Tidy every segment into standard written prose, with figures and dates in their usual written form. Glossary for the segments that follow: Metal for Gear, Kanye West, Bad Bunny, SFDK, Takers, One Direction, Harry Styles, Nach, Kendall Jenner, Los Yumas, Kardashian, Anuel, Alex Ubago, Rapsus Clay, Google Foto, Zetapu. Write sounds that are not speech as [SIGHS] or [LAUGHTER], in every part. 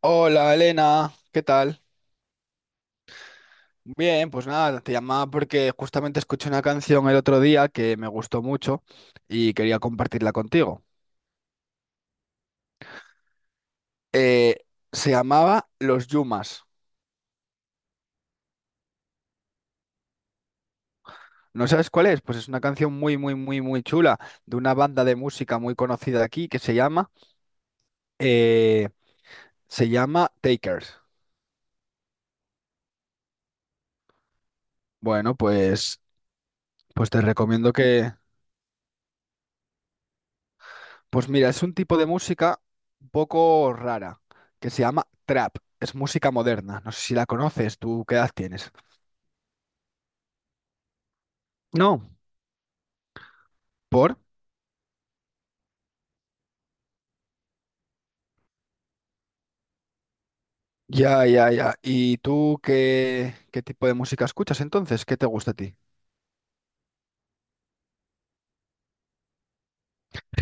Hola Elena, ¿qué tal? Bien, pues nada, te llamaba porque justamente escuché una canción el otro día que me gustó mucho y quería compartirla contigo. Eh, Se llamaba Los Yumas. ¿No sabes cuál es? Pues es una canción muy, muy, muy, muy chula de una banda de música muy conocida aquí que eh, se llama Takers. Bueno, pues te recomiendo que... Pues mira, es un tipo de música un poco rara, que se llama trap. Es música moderna. No sé si la conoces, ¿tú qué edad tienes? No, ¿por? Ya, ya, ya. ¿Y tú qué tipo de música escuchas entonces? ¿Qué te gusta a ti?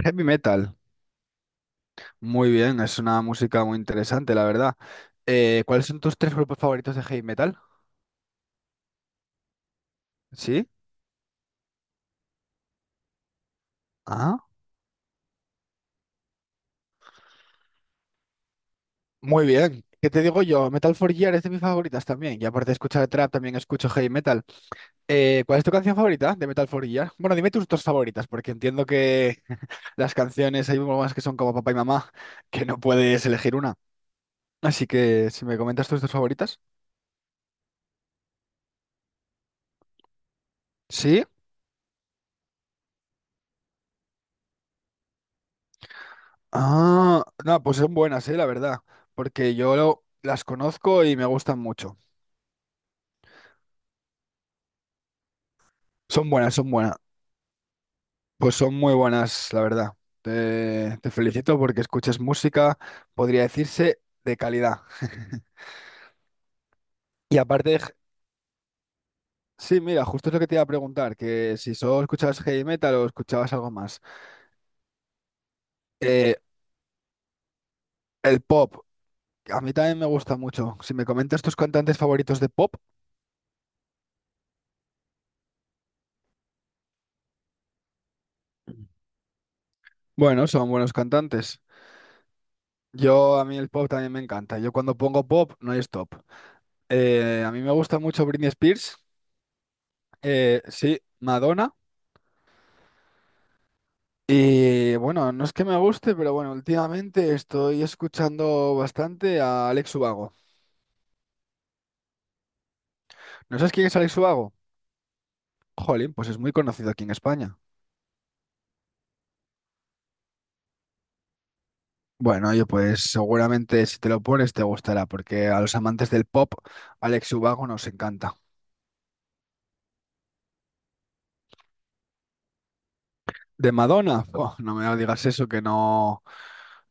Heavy metal. Muy bien, es una música muy interesante, la verdad. ¿Cuáles son tus tres grupos favoritos de heavy metal? ¿Sí? Ah, muy bien. ¿Qué te digo yo? Metal for Gear es de mis favoritas también. Y aparte de escuchar trap, también escucho heavy metal. ¿Cuál es tu canción favorita de Metal for Gear? Bueno, dime tus dos favoritas, porque entiendo que [LAUGHS] las canciones hay más que son como papá y mamá, que no puedes elegir una. Así que si me comentas tus dos favoritas. Sí. Ah, no, pues son buenas, la verdad, porque yo las conozco y me gustan mucho. Son buenas, son buenas. Pues son muy buenas, la verdad. Te felicito porque escuchas música, podría decirse, de calidad. Y aparte, sí, mira, justo es lo que te iba a preguntar, que si solo escuchabas heavy metal o escuchabas algo más. Eh, el pop, a mí también me gusta mucho. Si me comentas tus cantantes favoritos de pop, bueno, son buenos cantantes. Yo, a mí el pop también me encanta. Yo cuando pongo pop, no hay stop. A mí me gusta mucho Britney Spears, sí, Madonna. Y bueno, no es que me guste, pero bueno, últimamente estoy escuchando bastante a Alex Ubago. ¿No sabes quién es Alex Ubago? Jolín, pues es muy conocido aquí en España. Bueno, oye, pues seguramente si te lo pones te gustará, porque a los amantes del pop, Alex Ubago nos encanta. ¿De Madonna? Buah, no me digas eso, que no,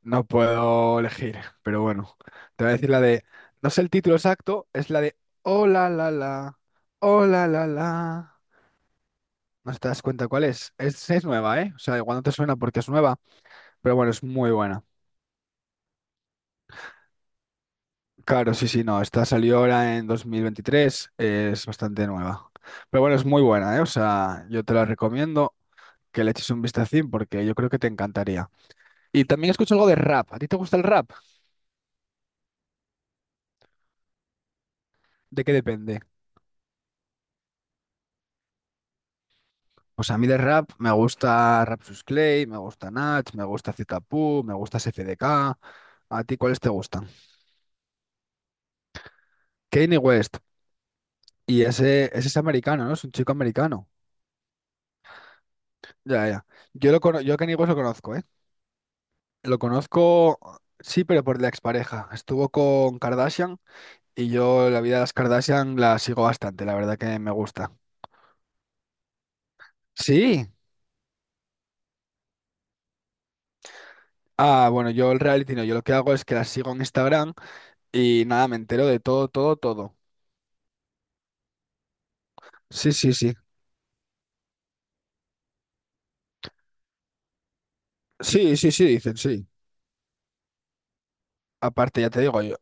no puedo elegir. Pero bueno, te voy a decir la de... No sé el título exacto, es la de Oh la la la, oh la la la. No te das cuenta cuál es. Es nueva, ¿eh? O sea, igual no te suena porque es nueva, pero bueno, es muy buena. Claro, sí, sí, no. Esta salió ahora en 2023, es bastante nueva. Pero bueno, es muy buena, ¿eh? O sea, yo te la recomiendo que le eches un vistacín porque yo creo que te encantaría. Y también escucho algo de rap. ¿A ti te gusta el rap? ¿De qué depende? Pues a mí de rap me gusta Rapsus Clay, me gusta Nach, me gusta Zetapu, me gusta SFDK. ¿A ti cuáles te gustan? Kanye West. Y ese es americano, ¿no? Es un chico americano. Ya, ya. Yo, yo a Kanye West lo conozco, ¿eh? Lo conozco, sí, pero por la expareja. Estuvo con Kardashian y yo la vida de las Kardashian la sigo bastante, la verdad que me gusta. Sí. Ah, bueno, yo el reality no, yo lo que hago es que las sigo en Instagram y nada, me entero de todo, todo, todo. Sí, sí, sí. Sí, sí, sí, dicen, sí. Aparte, ya te digo yo,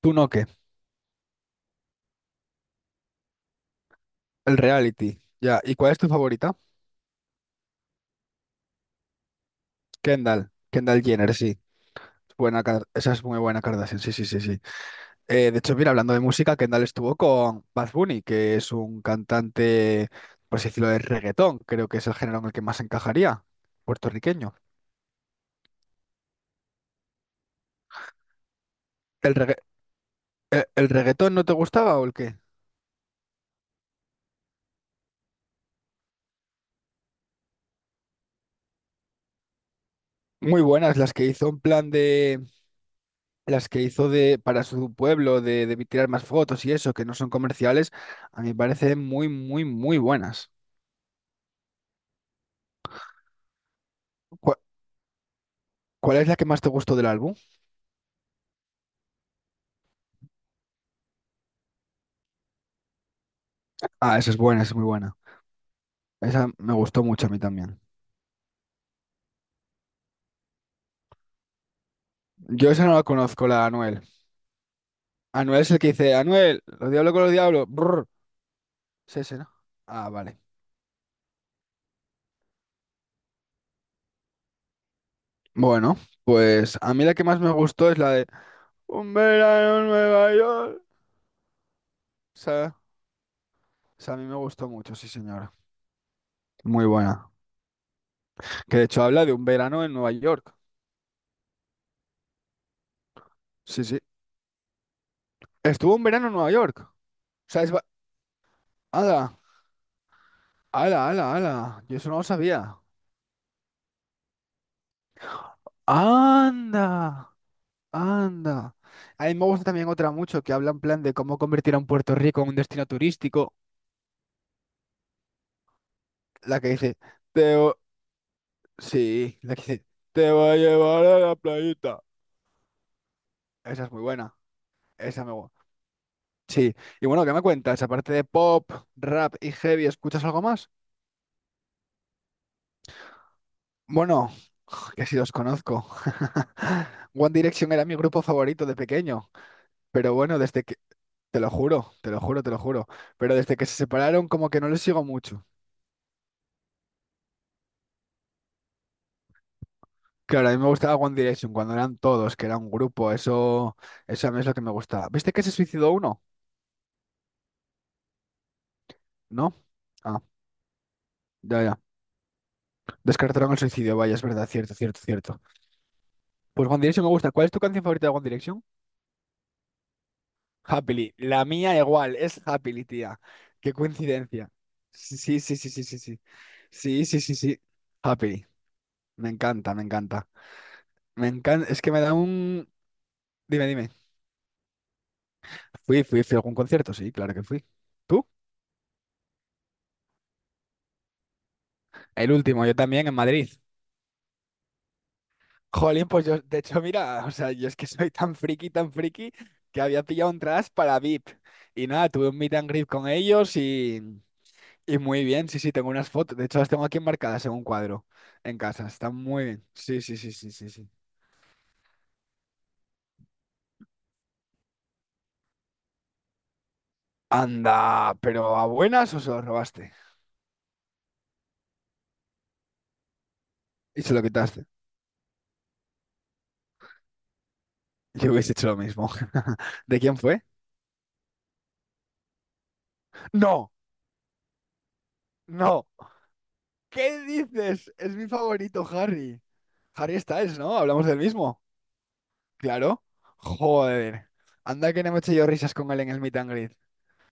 tú no qué, el reality. Ya, ¿y cuál es tu favorita? Kendall, Kendall Jenner, sí. Buena, esa es muy buena Kardashian, sí, sí, sí, sí. De hecho, mira, hablando de música, Kendall estuvo con Bad Bunny, que es un cantante, por así decirlo, de reggaetón. Creo que es el género en el que más encajaría, puertorriqueño. ¿El regga- el reggaetón no te gustaba o el qué? Muy buenas las que hizo en plan de las que hizo de para su pueblo de tirar más fotos y eso, que no son comerciales, a mí me parecen muy, muy, muy buenas. ¿Cu- ¿Cuál es la que más te gustó del álbum? Ah, esa es buena, esa es muy buena. Esa me gustó mucho a mí también. Yo esa no la conozco, la de Anuel. Anuel es el que dice, Anuel, los diablos con los diablos. Brr. Sí, ese, ¿no? Ah, vale. Bueno, pues a mí la que más me gustó es la de Un verano en Nueva York. O sea, esa a mí me gustó mucho, sí, señora. Muy buena. Que de hecho habla de un verano en Nueva York. Sí, sí. Estuvo un verano en Nueva York. O sea, es... Ala, ala, ala, ala. Yo eso no lo sabía. Anda, anda. A mí me gusta también otra mucho que habla en plan de cómo convertir a un Puerto Rico en un destino turístico. La que dice... Sí, la que dice, te voy a llevar a la playita. Esa es muy buena. Esa me gusta. Sí. Y bueno, ¿qué me cuentas? Aparte de pop, rap y heavy, ¿escuchas algo más? Bueno, [SIGHS] [LAUGHS] que si los conozco. [LAUGHS] One Direction era mi grupo favorito de pequeño. Pero bueno, desde que... Te lo juro, te lo juro, te lo juro. Pero desde que se separaron, como que no les sigo mucho. Claro, a mí me gustaba One Direction cuando eran todos, que era un grupo. Eso a mí es lo que me gustaba. ¿Viste que se suicidó uno? ¿No? Ah, ya, ya. Descartaron el suicidio, vaya, es verdad, cierto, cierto, cierto. Pues One Direction me gusta. ¿Cuál es tu canción favorita de One Direction? Happily. La mía igual, es Happily, tía. Qué coincidencia. Sí, sí, sí, sí, sí, sí. Sí, sí, sí, sí, sí. Happily. Me encanta, me encanta. Me encanta, es que me da un... Dime, dime. Fui a algún concierto, sí, claro que fui. ¿Tú? El último, yo también en Madrid. Jolín, pues yo, de hecho, mira, [LAUGHS] o sea, yo es que soy tan friki, que había pillado entradas para VIP. Y nada, tuve un meet and greet con ellos y... Y muy bien, sí, sí, tengo unas fotos. De hecho, las tengo aquí enmarcadas en un cuadro en casa. Están muy bien. Sí, sí, sí, sí, sí, sí. Anda, pero ¿a buenas o se lo robaste? Y se lo quitaste. Yo hubiese hecho lo mismo. [LAUGHS] ¿De quién fue? No, no. ¿Qué dices? Es mi favorito, Harry. Harry Styles, ¿no? Hablamos del mismo. Claro. Joder. Anda que no me eché yo risas con él en el meet and greet.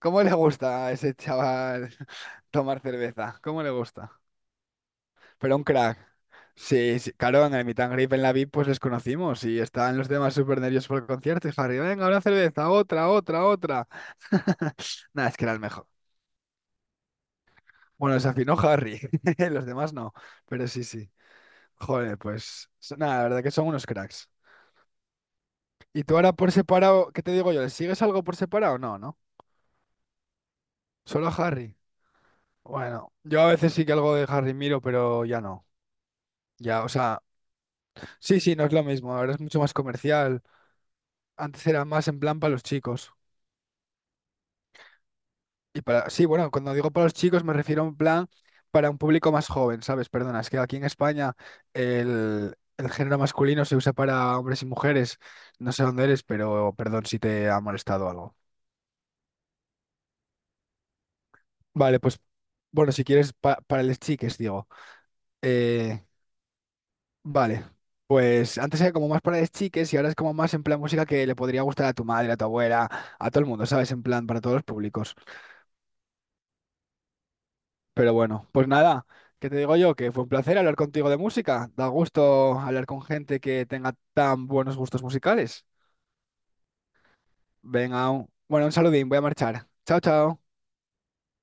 ¿Cómo le gusta a ese chaval [LAUGHS] tomar cerveza? ¿Cómo le gusta? Pero un crack. Sí, sí, claro, en el Meet and Greet en la VIP pues les conocimos y estaban los demás súper nerviosos por el concierto. Y Harry, venga, una cerveza, otra, otra, otra. [LAUGHS] Nada, es que era el mejor. Bueno, se afinó Harry, [LAUGHS] los demás no, pero sí, sí. Joder, pues nada, la verdad que son unos cracks. ¿Y tú ahora por separado, qué te digo yo? ¿Le sigues algo por separado? No, ¿no? Solo a Harry. Bueno, yo a veces sí que algo de Harry miro, pero ya no. Ya, o sea, sí, sí, no es lo mismo. Ahora es mucho más comercial. Antes era más en plan para los chicos. Y para, sí, bueno, cuando digo para los chicos me refiero a un plan para un público más joven, ¿sabes? Perdona, es que aquí en España el género masculino se usa para hombres y mujeres. No sé dónde eres, pero perdón si te ha molestado algo. Vale, pues bueno, si quieres para los chiques, digo. Eh, vale, pues antes era como más para los chiques y ahora es como más en plan música que le podría gustar a tu madre, a tu abuela, a todo el mundo, ¿sabes? En plan para todos los públicos. Pero bueno, pues nada, ¿qué te digo yo? Que fue un placer hablar contigo de música. Da gusto hablar con gente que tenga tan buenos gustos musicales. Venga, bueno, un saludín, voy a marchar. Chao, chao.